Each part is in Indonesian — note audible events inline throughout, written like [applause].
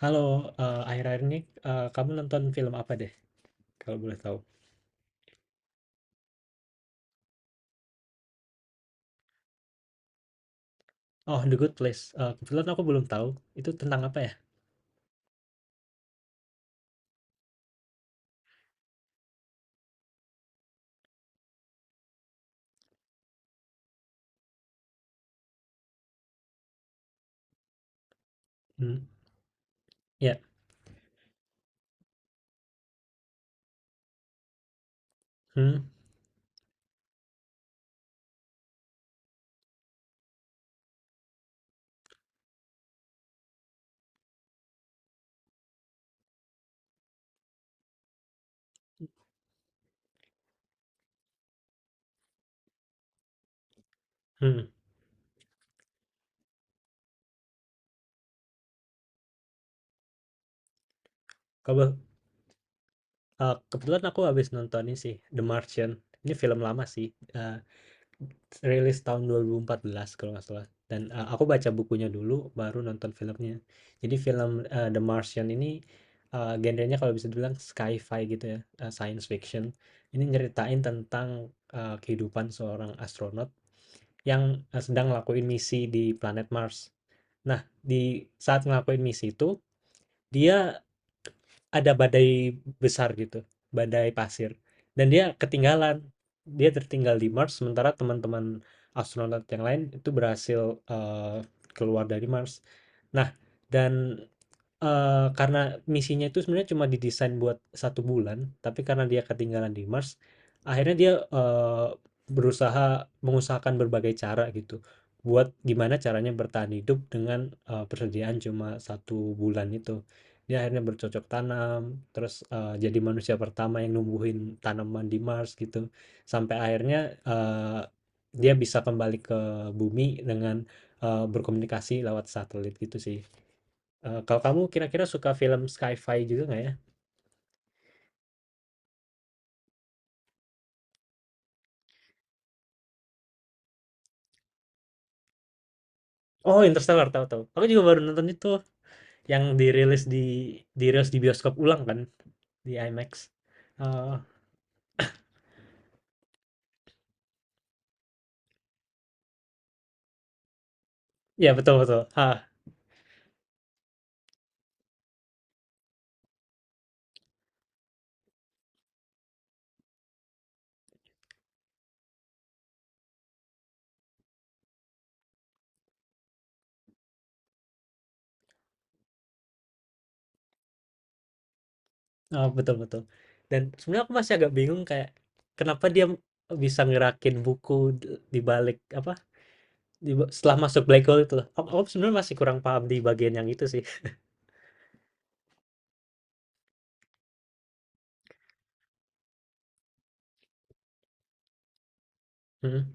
Halo, akhir-akhir ini, kamu nonton film apa deh, kalau boleh tahu? Oh, The Good Place, kebetulan aku belum tahu, itu tentang apa ya? Mmm. Ya. Mhm. Mhm. kebe Kebetulan aku habis nonton ini sih, The Martian, ini film lama sih, eh, rilis tahun 2014 kalau nggak salah dan, aku baca bukunya dulu baru nonton filmnya. Jadi film, The Martian ini, genrenya kalau bisa dibilang sci-fi gitu ya, science fiction. Ini nyeritain tentang, kehidupan seorang astronot yang, sedang ngelakuin misi di planet Mars. Nah, di saat ngelakuin misi itu, dia, ada badai besar gitu, badai pasir. Dan dia ketinggalan. Dia tertinggal di Mars, sementara teman-teman astronot yang lain itu berhasil eh, keluar dari Mars. Nah, dan karena misinya itu sebenarnya cuma didesain buat satu bulan, tapi karena dia ketinggalan di Mars, akhirnya dia, berusaha mengusahakan berbagai cara gitu, buat gimana caranya bertahan hidup dengan, persediaan cuma satu bulan itu. Dia akhirnya bercocok tanam, terus, jadi manusia pertama yang numbuhin tanaman di Mars gitu, sampai akhirnya, dia bisa kembali ke bumi dengan, berkomunikasi lewat satelit gitu sih. Kalau kamu kira-kira suka film sci-fi juga nggak ya? Oh, Interstellar, tahu tahu. Aku juga baru nonton itu yang dirilis di bioskop ulang kan, di IMAX. Eee, iya betul betul, heeh, Heeh, betul betul. Dan sebenarnya aku masih agak bingung kayak kenapa dia bisa ngerakin buku de di balik apa, di ba setelah masuk black hole itu loh. Aku sebenarnya masih kurang paham di bagian yang itu sih. Mhm,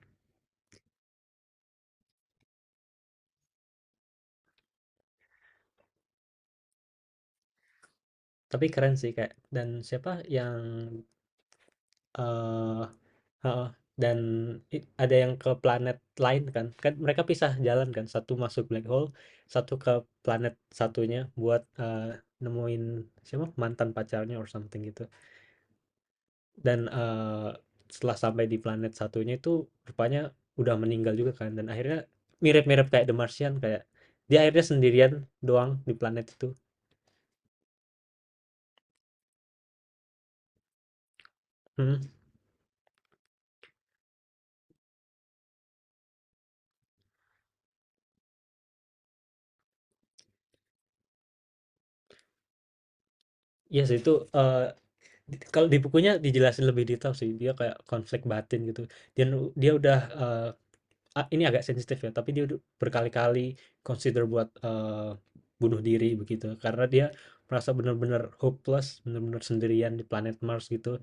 tapi keren sih kayak dan siapa yang, eh, heeh, dan ada yang ke planet lain kan. Kan mereka pisah jalan kan, satu masuk black hole, satu ke planet satunya buat nemuin siapa mantan pacarnya or something gitu. Dan setelah sampai di planet satunya itu rupanya udah meninggal juga kan dan akhirnya mirip-mirip kayak The Martian kayak dia akhirnya sendirian doang di planet itu. Hmm, iya sih itu eh, kalau di bukunya dijelasin lebih detail sih dia kayak konflik batin gitu. Dia udah eh, ah, ini agak sensitif ya, tapi dia udah berkali-kali consider buat, bunuh diri begitu, karena dia merasa benar-benar hopeless, benar-benar sendirian di planet Mars gitu,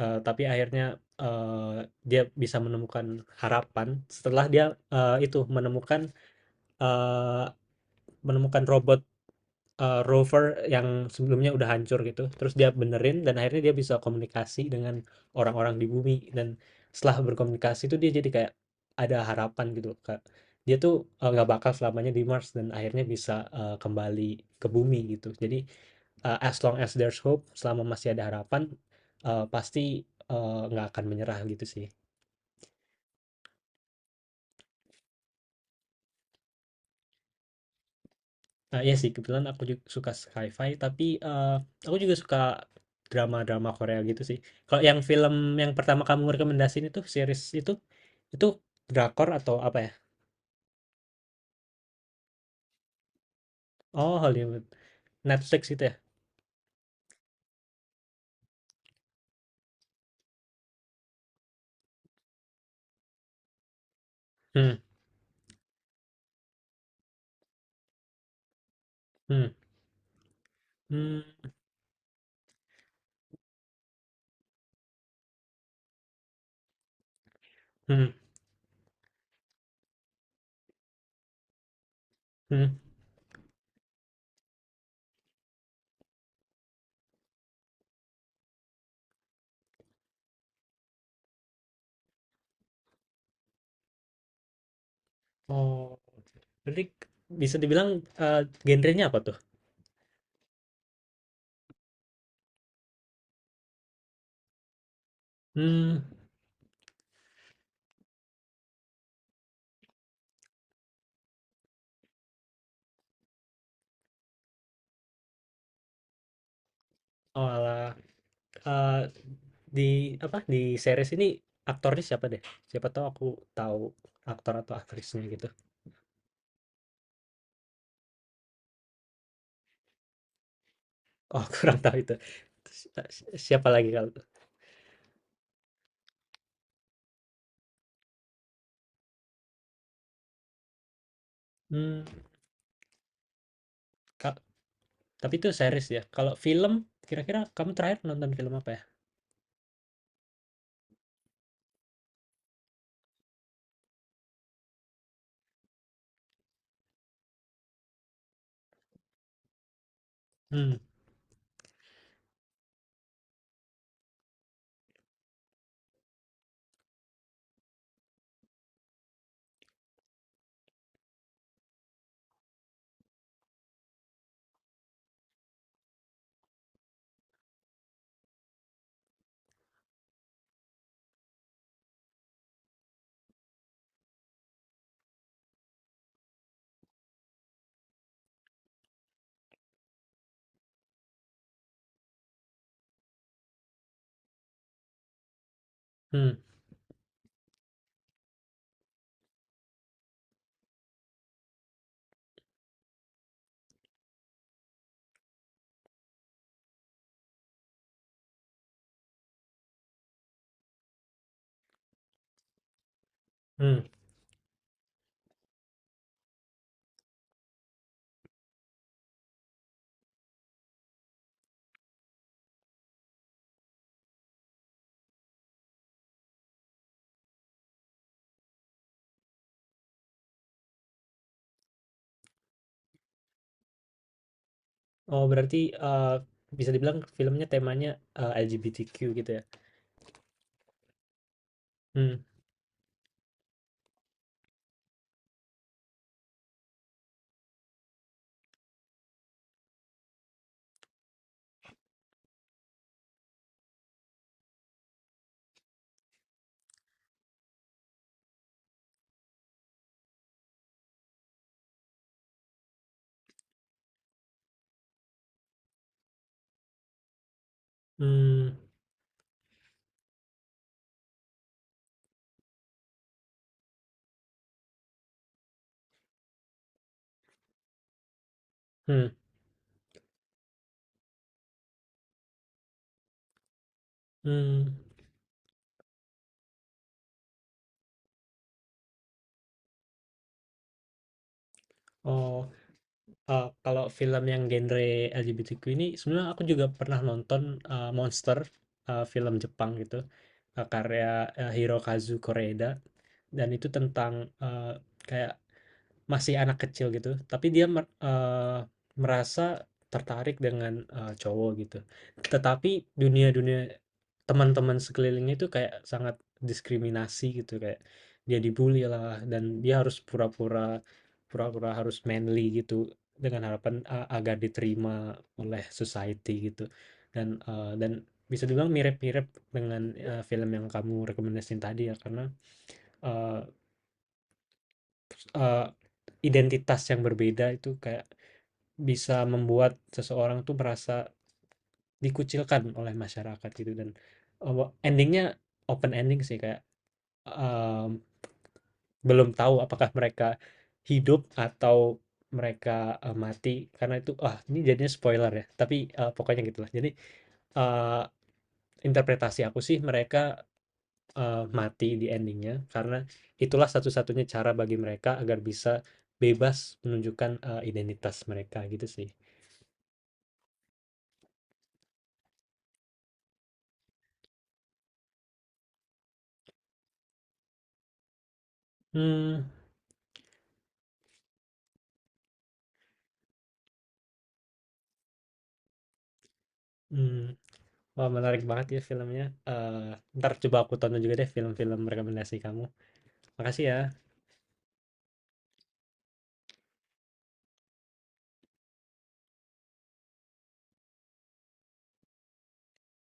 tapi akhirnya, dia bisa menemukan harapan setelah dia, itu eee, menemukan robot rover yang sebelumnya udah hancur gitu, terus dia benerin dan akhirnya dia bisa komunikasi dengan orang-orang di bumi dan setelah berkomunikasi itu dia jadi kayak ada harapan gitu, Kak. Dia tuh, nggak bakal selamanya di Mars dan akhirnya bisa, kembali ke bumi gitu. Jadi, as long as there's hope, selama masih ada harapan, pasti, nggak akan menyerah gitu sih. Nah, iya sih, kebetulan aku juga suka sci-fi, tapi eh, aku juga suka drama-drama Korea gitu sih. Kalau yang film yang pertama kamu rekomendasiin itu series itu drakor atau apa ya? Oh, Hollywood, Netflix itu ya? Hmm. Hmm. Hmm. Hmm. Hmm. Oh, jadi bisa dibilang eh, genrenya apa tuh? Hmm. Oh alah. Eh, di di series ini aktornya siapa deh? Siapa tahu aku tahu aktor atau aktrisnya gitu. Oh [laughs] kurang tahu itu. Si si siapa lagi kalau itu? Mmm, ka tapi itu series ya? Kalau film, kira-kira kamu terakhir nonton film apa ya? Hmm. Hmm. Mmm. Oh berarti, eee, bisa dibilang filmnya temanya, LGBTQ gitu ya? Hmm. Hmm. Hmm. Mmm. Oh. Kalau film yang genre LGBTQ ini sebenarnya aku juga pernah nonton, Monster, film Jepang gitu, karya, Hirokazu Koreeda dan itu tentang, eee, kayak masih anak kecil gitu, tapi dia merasa tertarik dengan, cowok gitu. Tetapi dunia-dunia teman-teman sekelilingnya itu kayak sangat diskriminasi gitu, kayak dia dibully lah dan dia harus pura-pura harus manly gitu dengan harapan, agar diterima oleh society gitu. Dan bisa dibilang mirip-mirip dengan, film yang kamu rekomendasiin tadi ya karena, eee eee, identitas yang berbeda itu kayak bisa membuat seseorang tuh merasa dikucilkan oleh masyarakat gitu. Dan endingnya open ending sih, kayak um, belum tahu apakah mereka hidup atau mereka mati karena itu. Ah, ini jadinya spoiler ya, tapi pokoknya gitulah. Jadi uh, interpretasi aku sih mereka mati di endingnya, karena itulah satu-satunya cara bagi mereka agar bisa bebas menunjukkan identitas mereka gitu sih. Hmm. Hmm. Wah, menarik banget ya filmnya. Eh, ntar coba aku tonton juga deh film-film rekomendasi kamu. Makasih ya.